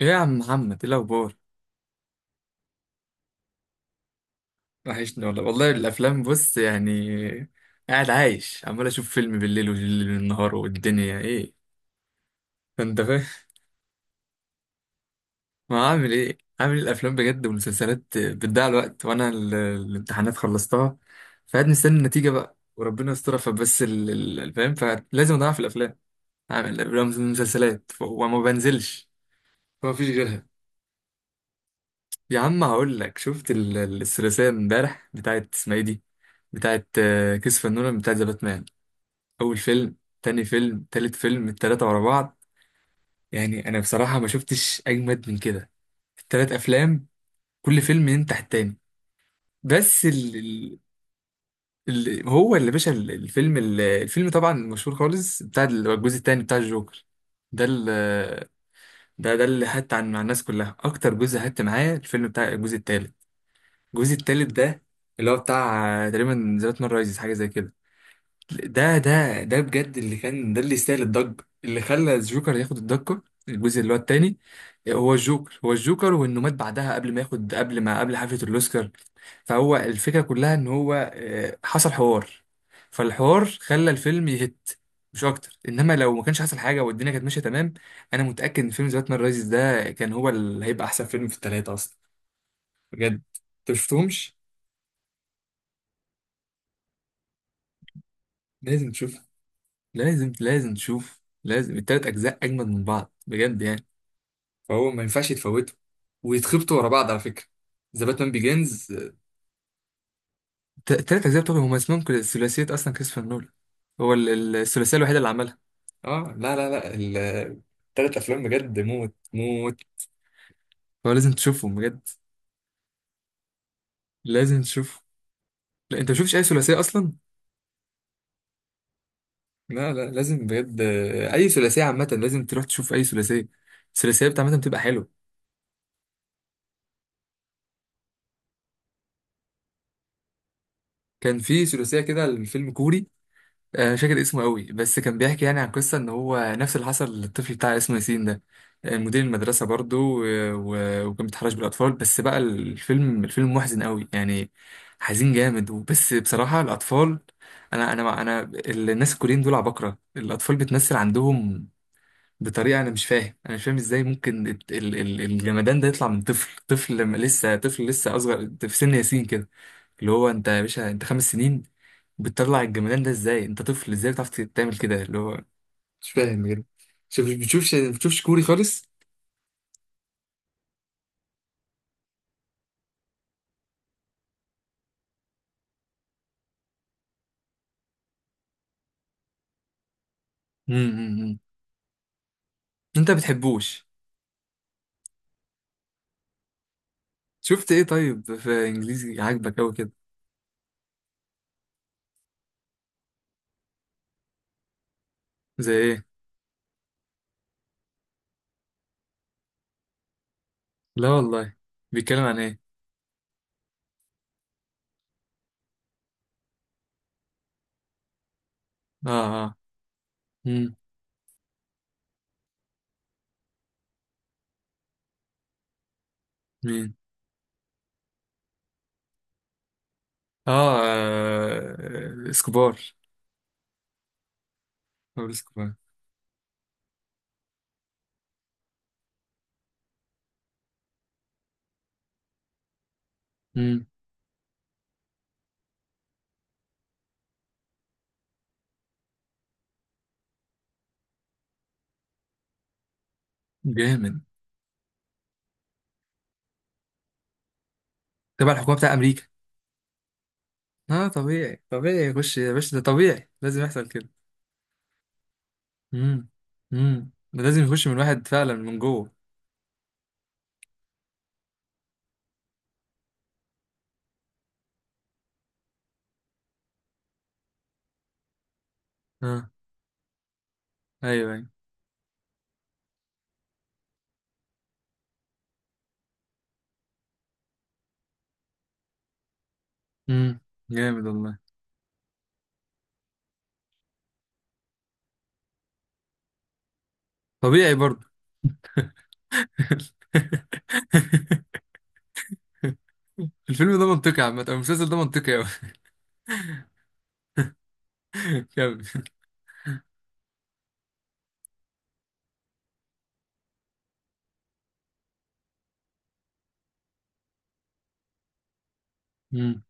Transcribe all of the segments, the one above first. ايه يا عم محمد؟ ايه الاخبار؟ وحشني والله والله. الافلام بص يعني، قاعد عايش عمال اشوف فيلم بالليل والنهار والدنيا ايه. انت فاهم ما عامل ايه؟ عامل الافلام بجد والمسلسلات بتضيع الوقت، وانا الامتحانات خلصتها، فقاعد مستني النتيجة بقى وربنا يسترها. فبس الفهم فلازم اضيع في الافلام، عامل الافلام المسلسلات وما بنزلش، فما فيش غيرها. يا عم هقول لك، شفت الثلاثية امبارح بتاعت اسمها ايه دي، بتاعت كيس فنون بتاعت ذا باتمان؟ اول فيلم، تاني فيلم، تالت فيلم، التلاتة ورا بعض. يعني انا بصراحة ما شفتش اجمد من كده. التلات افلام كل فيلم ينتح التاني. بس هو اللي باشا الفيلم، الفيلم طبعا مشهور خالص بتاع الجزء التاني بتاع الجوكر. ده ده ده اللي حت عن مع الناس كلها اكتر جزء حت معاه، الفيلم بتاع الجزء التالت. الجزء التالت ده اللي هو بتاع تقريبا ذا نايت رايزز، حاجة زي كده. ده بجد اللي كان ده اللي يستاهل الضجة اللي خلى الجوكر ياخد الضجة، الجزء اللي هو التاني. هو الجوكر هو الجوكر، وانه مات بعدها قبل ما ياخد، قبل ما، قبل حفلة الاوسكار. فهو الفكرة كلها ان هو حصل حوار، فالحوار خلى الفيلم يهت مش اكتر. انما لو ما كانش حصل حاجة والدنيا كانت ماشية تمام، انا متأكد ان فيلم ذا باتمان رايزز ده كان هو اللي هيبقى احسن فيلم في التلاتة اصلا، بجد. انت مشفتهمش؟ لازم تشوف، لازم لازم تشوف، لازم. التلات اجزاء اجمد من بعض بجد يعني، فهو ما ينفعش يتفوته. ويتخبطوا ورا بعض على فكرة، ذا باتمان بيجينز. تلات أجزاء بتوعهم هما اسمهم كده ثلاثية أصلا، كريستوفر نولان. هو الثلاثية الوحيدة اللي عملها. اه، لا لا لا، التلات افلام بجد موت موت. هو لازم تشوفهم بجد، لازم تشوفهم. لا أنت مشوفش أي ثلاثية أصلا. لا لا، لازم بجد. اي ثلاثيه عامه لازم تروح تشوف اي ثلاثيه. الثلاثيه بتاع عامه بتبقى حلوه. كان في ثلاثيه كده، الفيلم كوري. مش فاكر اسمه قوي، بس كان بيحكي يعني عن قصة ان هو نفس اللي حصل للطفل بتاع اسمه ياسين ده، مدير المدرسة برضو. و- وكان بيتحرش بالأطفال، بس بقى الفيلم محزن قوي يعني، حزين جامد. وبس بصراحة الأطفال، أنا الناس الكوريين دول عباقرة، الأطفال بتمثل عندهم بطريقة أنا مش فاهم، أنا مش فاهم إزاي ممكن الجمدان ده يطلع من طفل، طفل لما لسه طفل، لسه أصغر في سن ياسين كده، اللي هو انت يا باشا، انت خمس سنين. بتطلع الجمدان ده ازاي؟ انت طفل ازاي بتعرف تعمل كده اللي هو؟ مش فاهم بجد. شوف، بتشوفش بتشوفش كوري خالص؟ امم، انت بتحبوش. شفت ايه طيب في انجليزي عاجبك قوي كده؟ زي ايه؟ لا والله، بيتكلم عن ايه؟ اه، اه، امم، مين؟ اه، اسكوبار، بابلو اسكوبار. امم، جامد. تبع الحكومه بتاع امريكا. اه طبيعي طبيعي، يخش يا باشا، ده طبيعي لازم يحصل كده. امم، امم، ده لازم يخش من الواحد فعلا من جوه. اه، ايوه ايوه. امم، جامد والله. طبيعي برضه. الفيلم ده منطقي عامة، أو المسلسل ده منطقي أوي. كمل. امم،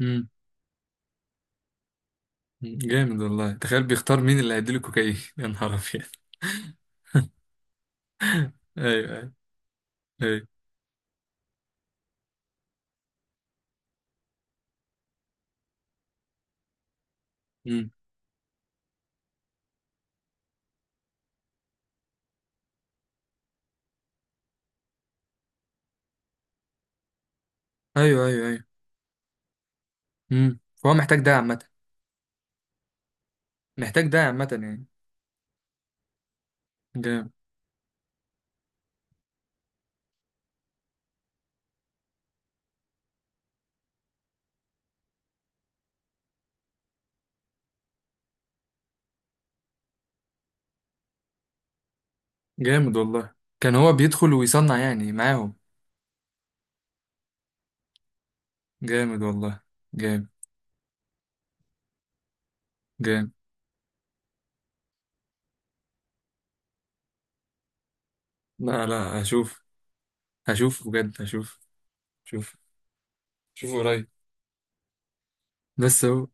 امم، جامد والله. تخيل بيختار مين اللي هيديله كوكايين. يا نهار أبيض. أيوه أيوه أيوه. امم. أيوه أيوه أيوه. امم، فهو محتاج ده عامة. محتاج ده عامة يعني. جامد. جامد والله. كان هو بيدخل ويصنع يعني معاهم؟ جامد والله، جامد. جامد لا لا، هشوف، هشوف بجد، هشوف. شوف، شوفه قريب. بس هو،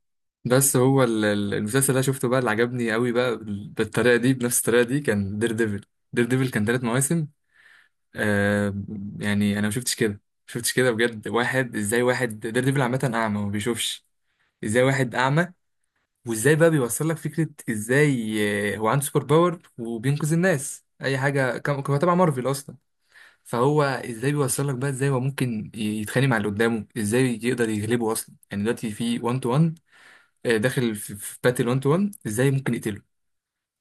بس هو المسلسل اللي أنا شفته بقى اللي عجبني قوي بقى بالطريقه دي، بنفس الطريقه دي، كان دير ديفل. دير ديفل كان ثلاث مواسم. آه. يعني انا ما شفتش كده، ما شفتش كده بجد. واحد ازاي، واحد دير ديفل عامه اعمى ما بيشوفش، ازاي واحد اعمى وازاي بقى بيوصل لك فكره ازاي؟ هو عنده سوبر باور وبينقذ الناس اي حاجه، كان كان تبع مارفل اصلا. فهو ازاي بيوصل لك بقى، ازاي هو ممكن يتخانق مع اللي قدامه، ازاي يقدر يغلبه اصلا، يعني دلوقتي في 1 تو 1 داخل في باتل 1 تو 1، ازاي ممكن يقتله؟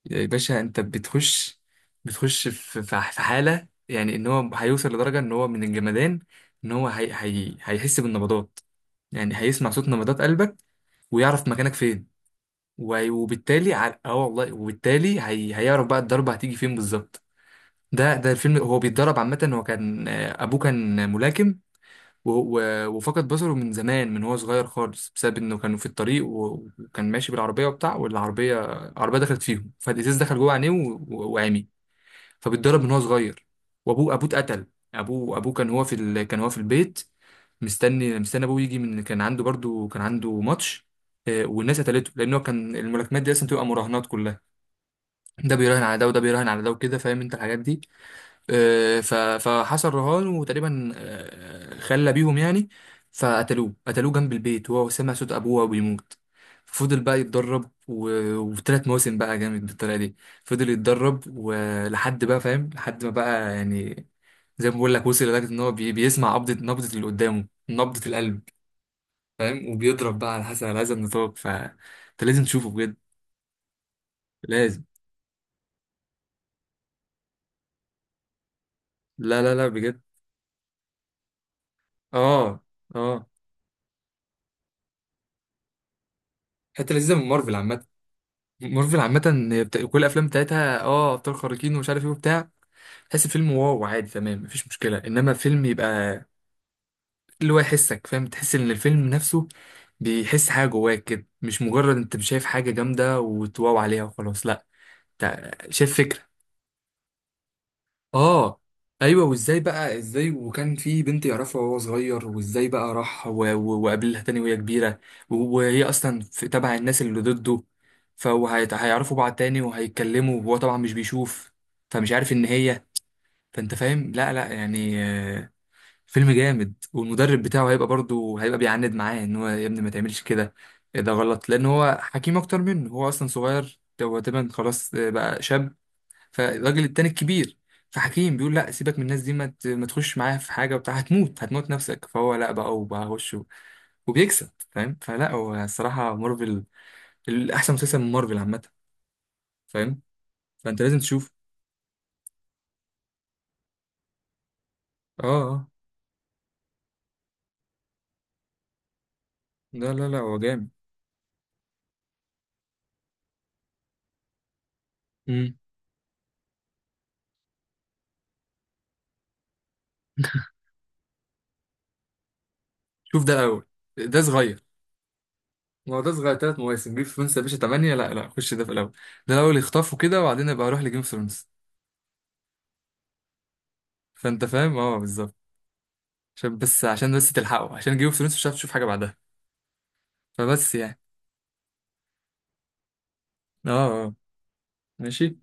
يا باشا، انت بتخش، بتخش في في حالة يعني ان هو هيوصل لدرجة ان هو من الجمدان، ان هو هي هي هيحس بالنبضات، يعني هيسمع صوت نبضات قلبك ويعرف مكانك فين. وبالتالي، اه والله، وبالتالي هيعرف بقى الضربة هتيجي فين بالظبط. ده ده الفيلم، هو بيتدرب عامة. هو كان أبوه كان ملاكم. و- وفقد بصره من زمان، من هو صغير خالص، بسبب انه كانوا في الطريق وكان ماشي بالعربيه وبتاع، والعربيه، العربيه دخلت فيهم، فالازاز دخل جوه عينيه وعمي. فبيتضرب من هو صغير، وابوه اتقتل. ابوه كان هو في كان هو في البيت، مستني ابوه يجي، من كان عنده برضو كان عنده ماتش. والناس قتلته، لان هو كان الملاكمات دي اصلا تبقى مراهنات كلها. ده بيراهن على ده وده بيراهن على ده وكده، فاهم انت الحاجات دي. آه، ف- فحصل رهان، وتقريبا خلى بيهم يعني. فقتلوه، قتلوه جنب البيت، وهو سمع صوت ابوه وهو بيموت. فضل بقى يتدرب وثلاث مواسم بقى جامد بالطريقه دي. فضل يتدرب ولحد بقى فاهم، لحد ما بقى يعني، زي ما بقول لك، وصل لدرجه ان هو بيسمع نبضه اللي قدامه، نبضه القلب، فاهم، وبيضرب بقى على حسب، على هذا النطاق. فانت لازم تشوفه بجد، لازم. لا لا لا بجد. اه، اه. حته لذيذه من مارفل عامه، مارفل عامة. هي كل الأفلام بتاعتها اه أبطال خارقين ومش عارف ايه وبتاع، تحس الفيلم واو عادي تمام، مفيش مشكلة. إنما فيلم يبقى اللي هو يحسك، فاهم، تحس إن الفيلم نفسه بيحس حاجة جواك كده، مش مجرد أنت مش شايف حاجة جامدة وتواو عليها وخلاص، لأ، أنت شايف فكرة. اه، ايوه. وازاي بقى ازاي، وكان في بنت يعرفها وهو صغير، وازاي بقى راح وقابلها تاني وهي كبيره، وهي اصلا في تبع الناس اللي ضده، فهيعرفوا بعض تاني وهيتكلموا وهو طبعا مش بيشوف، فمش عارف ان هي، فانت فاهم لا لا يعني. فيلم جامد. والمدرب بتاعه هيبقى برضه هيبقى بيعاند معاه ان هو يا ابني ما تعملش كده، إيه ده غلط، لان هو حكيم اكتر منه، هو اصلا صغير، هو تقريبا خلاص بقى شاب. فالراجل التاني الكبير، فحكيم بيقول لا سيبك من الناس دي، ما تخش معايا في حاجه وبتاع، هتموت هتموت نفسك. فهو لا بقى، وبخش وبيكسب، فاهم. فلا هو الصراحه مارفل الاحسن مسلسل من مارفل عامه، فاهم. فانت لازم تشوف. اه، اه. لا لا لا، هو جامد. مم. شوف ده الاول، ده صغير. ما هو ده صغير، ثلاث مواسم. جيم اوف ثرونز يا باشا 8، لا لا، خش ده في الاول، ده الاول يخطفه كده، وبعدين ابقى اروح لجيم اوف ثرونز. فانت فاهم. اه، بالظبط، عشان بس، عشان بس تلحقه، عشان جيم اوف ثرونز مش هتعرف تشوف حاجه بعدها، فبس يعني. اه، آه. ماشي.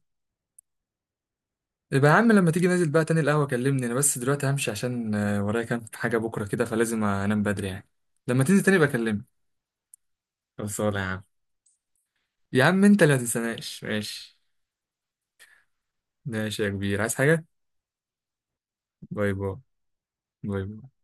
يبقى يا عم لما تيجي نازل بقى تاني القهوة كلمني، انا بس دلوقتي همشي عشان ورايا كام حاجة بكرة كده، فلازم انام بدري يعني. لما تنزل تاني بكلمك. خلصانة يا عم. يا عم انت اللي متنساناش، ماشي. ماشي يا كبير، عايز حاجة؟ باي باي. باي باي.